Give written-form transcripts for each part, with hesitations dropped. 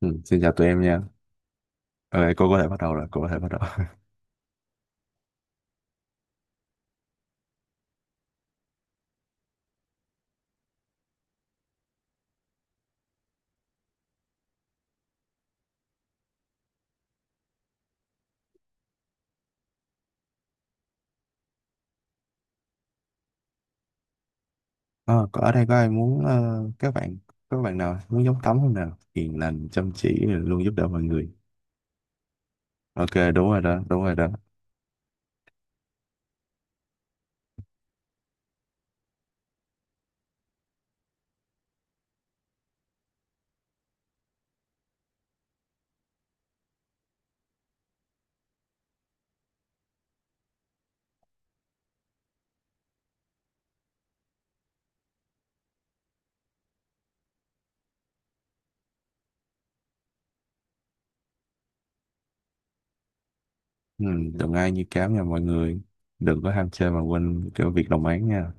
Ừ, Xin chào tụi em nha. Ờ, cô có thể bắt đầu rồi, cô có thể bắt đầu. Ờ, có ở đây có ai muốn các bạn nào muốn giống Tấm không nào? Hiền lành, chăm chỉ, luôn giúp đỡ mọi người. Ok, đúng rồi đó, đúng rồi đó. Ừ, đừng ai như cám nha mọi người. Đừng có ham chơi mà quên cái việc đồng áng nha.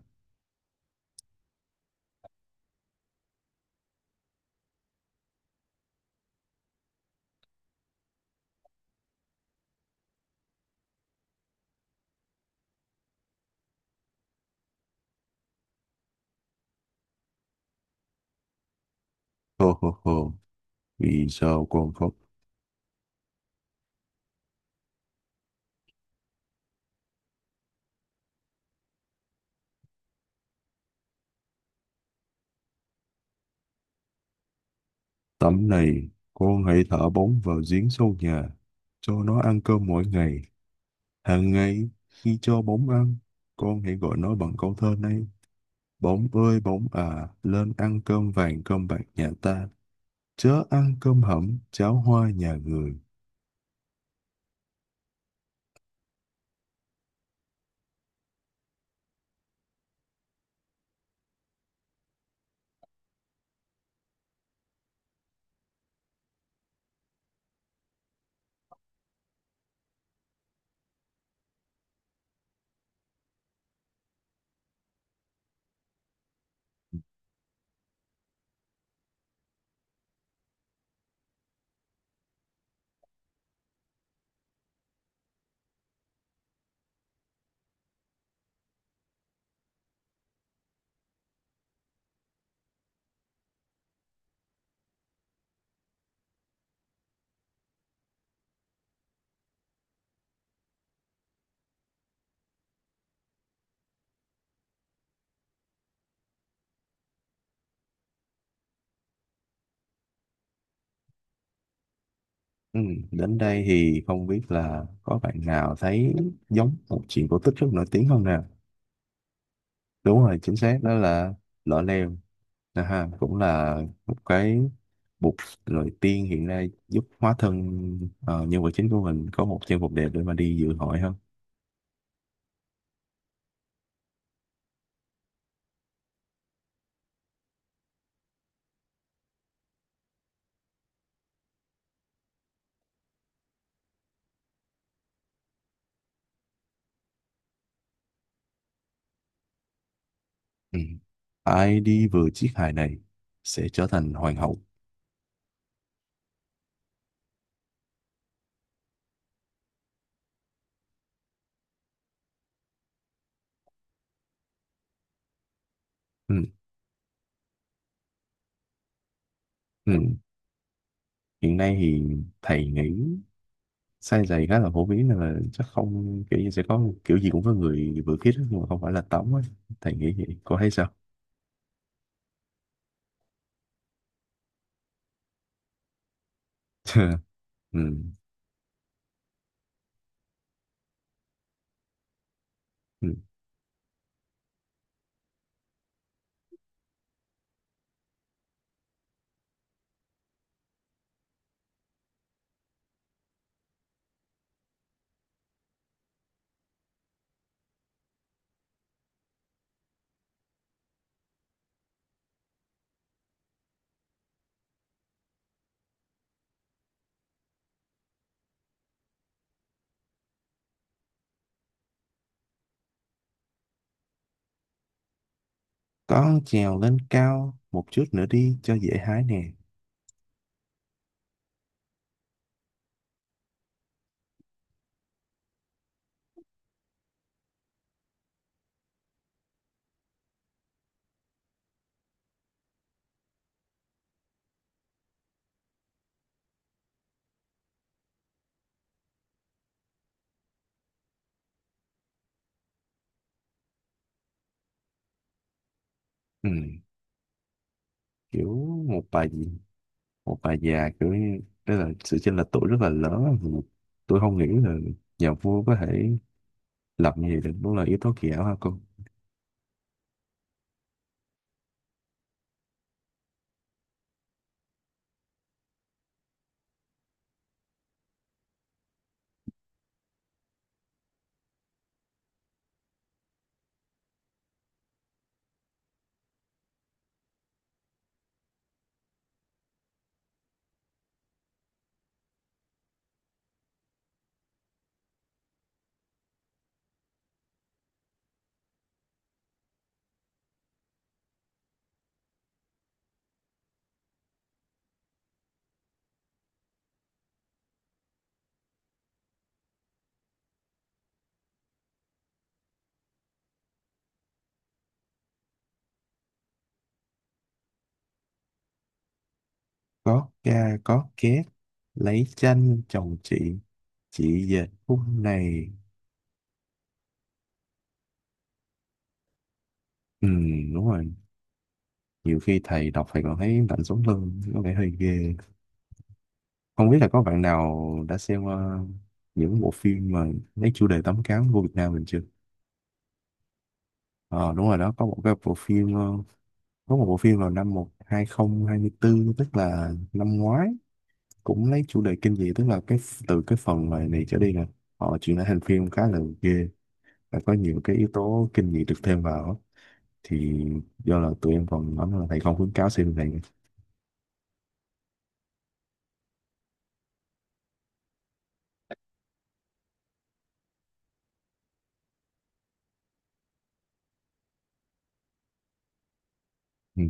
Hô hô hô, vì sao con khóc? Tấm này, con hãy thả bóng vào giếng sâu nhà, cho nó ăn cơm mỗi ngày. Hàng ngày, khi cho bóng ăn, con hãy gọi nó bằng câu thơ này. Bỗng ơi bỗng à, lên ăn cơm vàng cơm bạc nhà ta, chớ ăn cơm hẩm cháo hoa nhà người. Ừ, đến đây thì không biết là có bạn nào thấy giống một chuyện cổ tích rất nổi tiếng không nè? Đúng rồi, chính xác đó là Lọ Lem. À ha, cũng là một cái bộ lời tiên hiện nay giúp hóa thân nhân vật chính của mình có một trang phục đẹp để mà đi dự hội hơn. Ừ. Ai đi vừa chiếc hài này sẽ trở thành hoàng hậu. Ừ. Ừ, hiện nay thì thầy nghĩ size giày khá là phổ biến nên là chắc không kiểu như sẽ có kiểu gì cũng có người vừa khít á, nhưng mà không phải là tống ấy, thầy nghĩ vậy cô thấy sao? Ừ. Ừ. Con trèo lên cao một chút nữa đi cho dễ hái nè. Ừ. Kiểu một bà gì một bà già kiểu như, tức là sự chênh lệch tuổi rất là lớn á. Ừ. Tôi không nghĩ là nhà vua có thể lập như vậy được, đúng là yếu tố kỳ ảo ha cô. Có ca có két, lấy chanh chồng chị về khúc này. Ừ, đúng rồi, nhiều khi thầy đọc thầy còn thấy lạnh sống lưng, có vẻ hơi ghê. Không biết là có bạn nào đã xem những bộ phim mà lấy chủ đề tấm cám của Việt Nam mình chưa? Ờ đúng rồi đó, có một bộ phim vào năm 2024 tức là năm ngoái, cũng lấy chủ đề kinh dị, tức là cái từ cái phần này, này trở đi nè, họ chuyển lại thành phim khá là ghê và có nhiều cái yếu tố kinh dị được thêm vào á. Thì do là tụi em còn nói là thầy không khuyến cáo xem này. Ừ.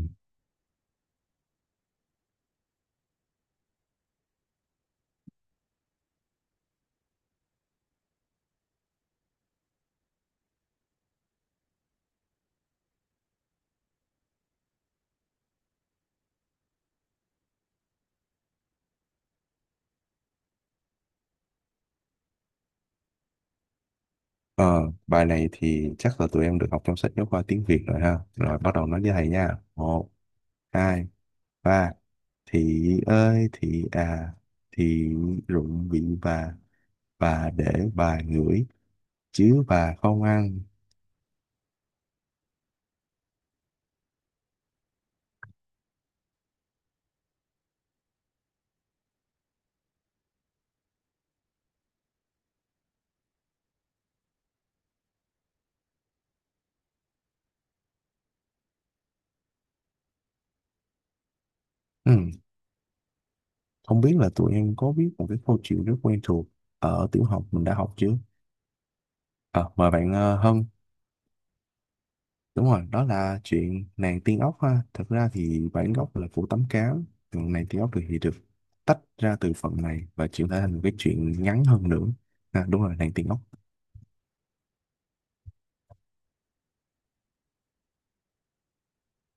Ờ, bài này thì chắc là tụi em được học trong sách giáo khoa tiếng Việt rồi ha. Rồi bắt đầu nói với thầy nha. Một, hai, ba. Thị ơi, thị à, thị rụng bị bà để bà ngửi, chứ bà không ăn. Ừ. Không biết là tụi em có biết một cái câu chuyện rất quen thuộc ở tiểu học mình đã học chưa? Ờ, mời bạn Hân. Đúng rồi, đó là chuyện nàng tiên ốc ha. Thật ra thì bản gốc là Phủ Tấm Cám, còn nàng tiên ốc thì được tách ra từ phần này và chuyển thể thành một cái chuyện ngắn hơn nữa. À, đúng rồi, nàng tiên ốc.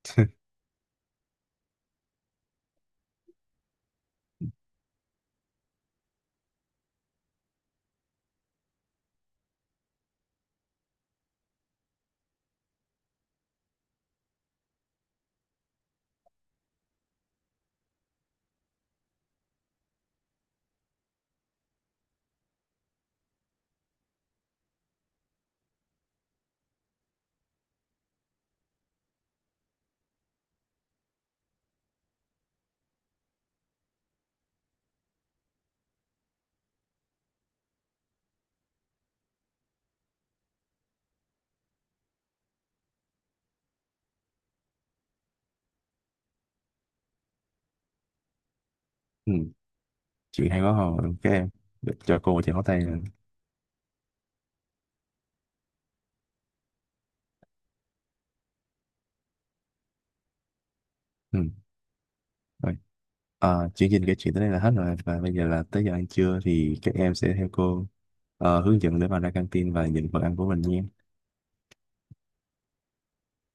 Ừ, chuyện hay quá hồi, các em. Để cho cô chào tay nè. Ừ, rồi. Ờ, chương trình kể chuyện tới đây là hết rồi và bây giờ là tới giờ ăn trưa thì các em sẽ theo cô hướng dẫn để mà ra căng tin và nhận phần ăn của mình nha.